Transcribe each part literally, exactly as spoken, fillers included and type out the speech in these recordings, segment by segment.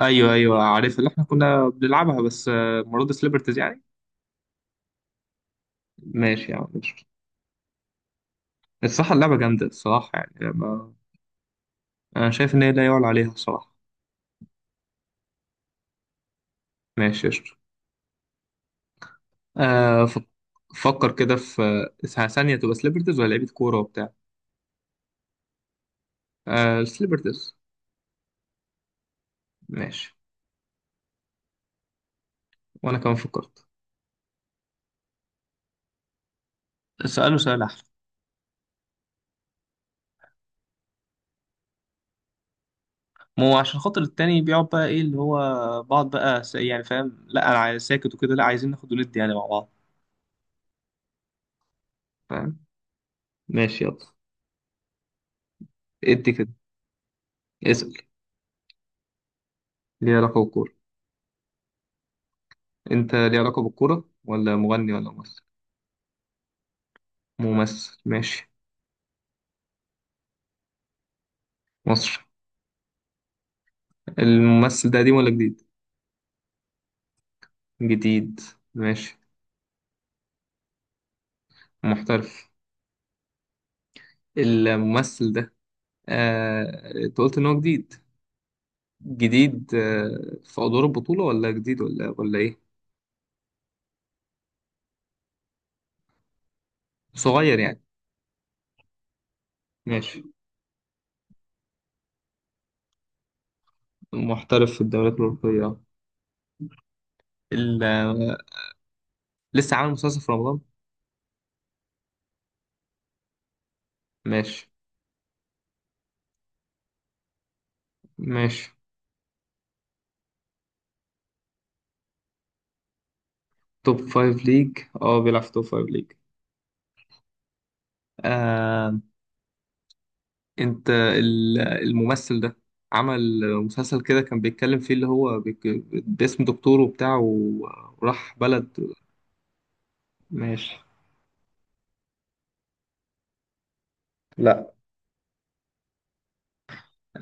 ايوه ايوه عارف اللي احنا كنا بنلعبها بس آه، مرات سليبرتيز يعني. ماشي يا عم ماشي. الصراحه اللعبه جامده الصراحه يعني ما. انا شايف ان هي لا يعلى عليها الصراحه. ماشي يا شطر. آه ف- فكر كده في آه، ثانيه تبقى سليبرتيز ولا لعيبه كوره وبتاع. آه سليبرتيز. ماشي. وانا كمان فكرت. سأله سؤال احلى. ما هو عشان خاطر التاني بيقعد بقى ايه اللي هو بعض بقى س- يعني فاهم، لا انا عايز ساكت وكده، لا عايزين ناخد وندي يعني مع بعض. فاهم. ماشي يلا. ادي كده. اسأل. ليه علاقة بالكورة. انت ليه علاقة بالكورة ولا مغني ولا ممثل؟ ممثل ماشي. مصر. الممثل ده قديم ولا جديد؟ جديد ماشي. محترف. الممثل ده آه... انت قلت ان هو جديد. جديد آه... في ادوار البطولة ولا جديد ولا ولا ايه؟ صغير يعني. ماشي. محترف في الدوريات الأوروبية. ال... آه، لسه عامل مسلسل في رمضان؟ ماشي ماشي. توب فايف ليج اه بيلعب في توب فايف ليج. انت ال- الممثل ده عمل مسلسل كده كان بيتكلم فيه اللي هو بيك- باسم دكتور وبتاع و- وراح بلد. ماشي. لا.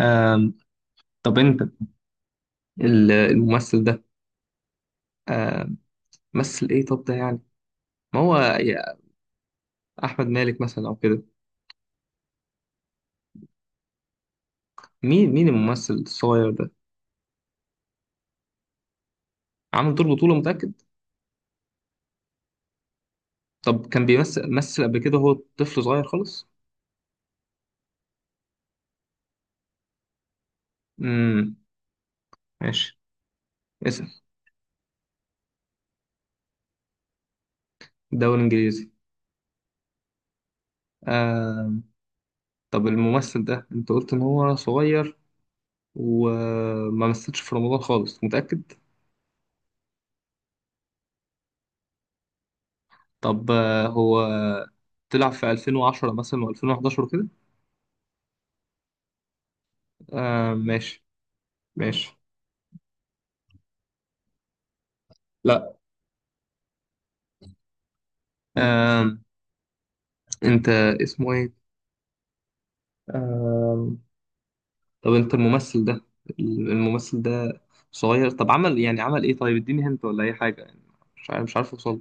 آم، طب انت ال- الممثل ده آم، مثل ايه طب ده يعني. ما هو يا احمد مالك مثلا او كده. مين مين الممثل الصغير ده؟ عامل دور بطولة متأكد؟ طب كان بيمثل مثل قبل كده هو طفل صغير خالص؟ امم ماشي. اسأل. دوري انجليزي. آم، طب الممثل ده انت قلت ان هو صغير وما مثلش في رمضان خالص متأكد؟ طب آه، هو طلع في ألفين وعشرة مثلا و2011 كده؟ آه ماشي. ماشي. لا. آه، انت، اسمه ايه؟ آه طب انت الممثل ده. الممثل ده صغير، طب عمل يعني عمل ايه؟ طيب اديني هنت ولا اي حاجة يعني. مش عارف، مش عارف اوصل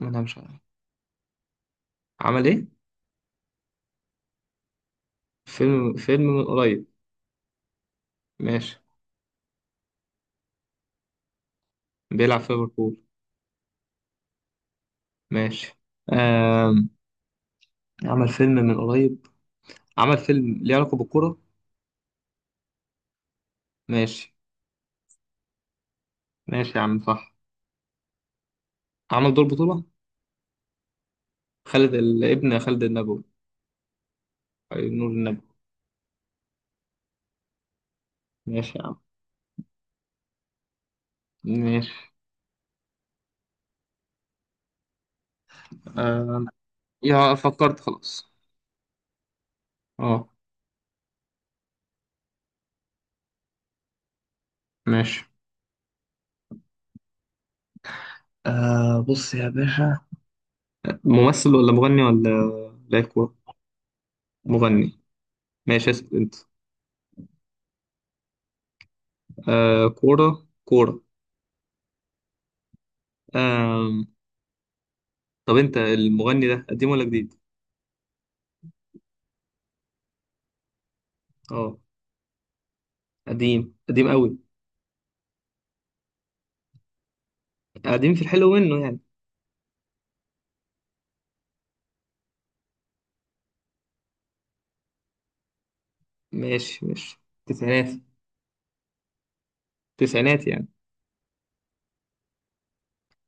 له. انا مش عارف. عمل ايه؟ فيلم، فيلم من قريب. ماشي. بيلعب في ليفربول. ماشي. آه، عمل فيلم من قريب. عمل فيلم ليه علاقة بالكورة. ماشي. ماشي يا عم صح. عمل دور بطولة. خالد الابن، خالد النبوي. أي نور النبوي. ماشي يا عم ماشي. آه يا فكرت خلاص. اه. ماشي. آه بص يا باشا، ممثل ولا مغني ولا لاعب كورة؟ مغني ماشي. اسأل انت. آه كورة كورة آه طب انت المغني ده قديم ولا جديد؟ اه قديم. قديم قوي؟ قديم في الحلو منه يعني. ماشي ماشي. تسعينات؟ تسعينات يعني.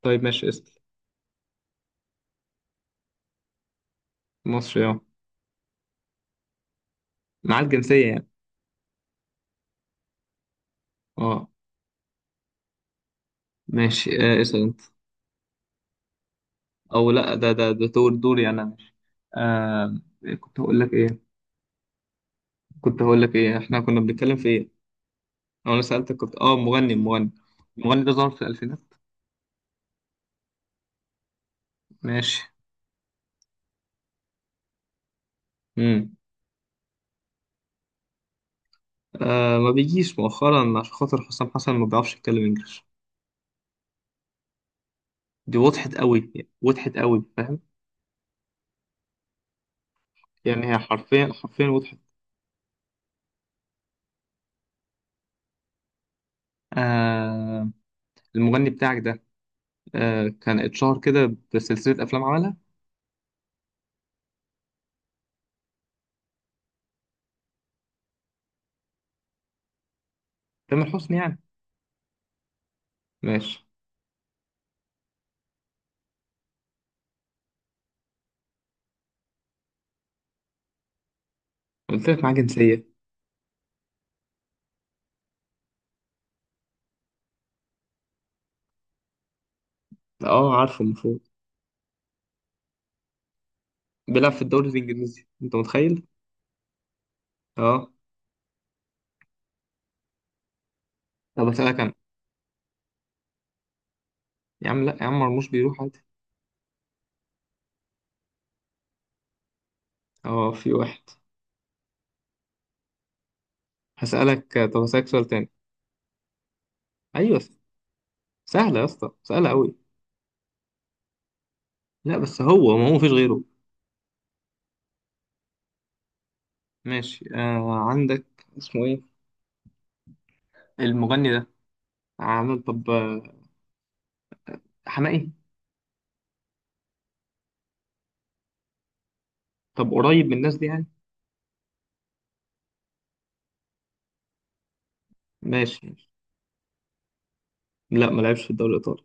طيب ماشي، اسأل. مصري اه. معاه الجنسية يعني. اه ماشي. آه اسأل انت. او لا ده ده ده دور دوري انا. ماشي. آه كنت هقول لك ايه. كنت هقول لك ايه احنا كنا بنتكلم في ايه؟ أو انا سألتك، كنت اه مغني مغني. المغني ده ظهر في الالفينات. ماشي. امم آه ما بيجيش مؤخرا عشان خاطر حسام حسن ما بيعرفش يتكلم انجلش. دي وضحت قوي. وضحت قوي فاهم. يعني هي حرفيا حرفيا وضحت. آه المغني بتاعك ده، آه كان اتشهر كده بسلسلة افلام عملها. تامر حسني يعني. ماشي. قلت لك معاه جنسية. اه عارفه المفروض. بيلعب في الدوري الانجليزي، انت متخيل. اه طب اسالك انا. يا عم لا يا عم، مرموش بيروح عادي. اه في واحد. هسالك، طب هسالك سؤال تاني. ايوه. سهله يا اسطى سهله قوي. لا بس هو ما هو مفيش غيره. ماشي آه عندك. اسمه ايه المغني ده؟ عامل طب آه، حماقي؟ طب قريب من الناس دي يعني. ماشي ماشي. لا ما لعبش في الدوري الايطالي.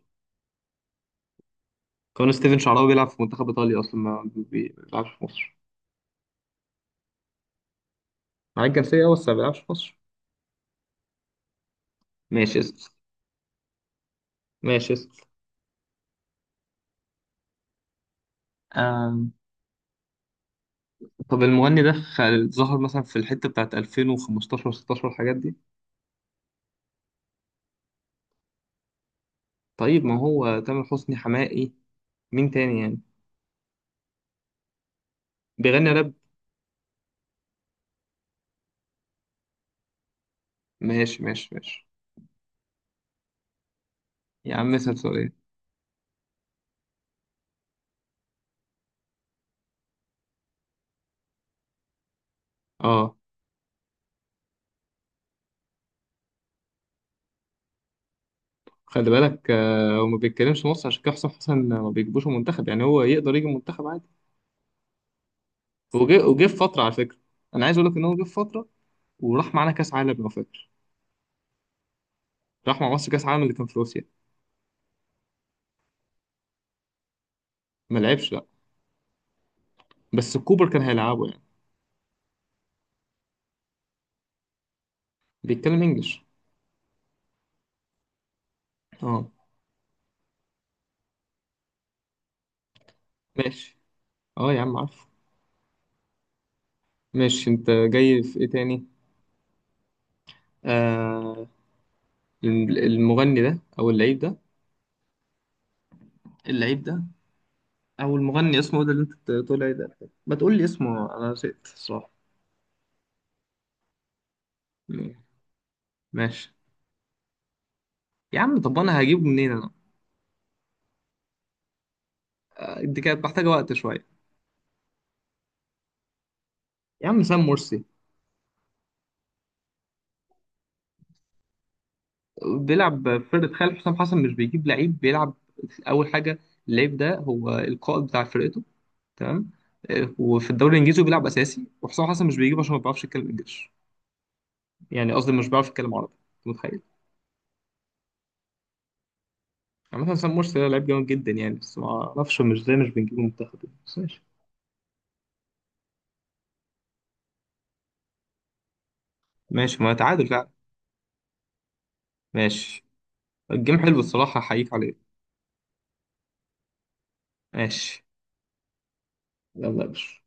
كان ستيفن شعراوي بيلعب في منتخب ايطاليا اصلا ما بي- بيلعبش في مصر. معاه الجنسيه بس ما بيلعبش في مصر. ماشي، اسال. ماشي اسال. آم، طب المغني ده خ- ظهر مثلا في الحتة بتاعت ألفين وخمستاشر ستاشر الحاجات دي. طيب ما هو تامر حسني، حماقي، مين تاني يعني؟ بيغني راب. ماشي ماشي ماشي. يا عم اسأل سؤالين. اه خلي بالك. آه، هو ما بيتكلمش مصر عشان كده حسام حسن ما بيجيبوش المنتخب، يعني هو يقدر يجي المنتخب عادي. وجه، وجه في فترة على فكرة. انا عايز اقول لك ان هو جه في فترة وراح معانا كاس عالم لو فاكر. راح مع مصر كاس عالم اللي كان في روسيا. ما لعبش لا، بس كوبر كان هيلعبه يعني. بيتكلم انجلش. اه. ماشي. اه يا عم عارف. مش انت جاي في ايه تاني؟ آه المغني ده او اللعيب ده. اللعيب ده، او المغني اسمه ده اللي انت بتقول عليه ده. ما تقول لي اسمه، انا نسيت الصراحه. م- ماشي يا عم. طب انا هجيبه منين انا؟ آه، دي كانت محتاجه وقت شويه. يا عم سام مرسي. بيلعب في فرقه خالد. حسام حسن مش بيجيب لعيب بيلعب. اول حاجه، اللعيب ده هو القائد بتاع فرقته. تمام. آه، وفي الدوري الانجليزي بيلعب اساسي، وحسام حسن مش بيجيبه عشان ما بيعرفش يتكلم انجلش. يعني قصدي مش بيعرف يتكلم عربي. متخيل. عامة حسام مرسي ده لعيب جامد جدا يعني، بس ما اعرفش مش ازاي مش بنجيبه منتخب يعني، بس ماشي. ماشي ما تعادل فعلا. ماشي. الجيم حلو الصراحة، أحييك عليه. ماشي. يلا يا باشا.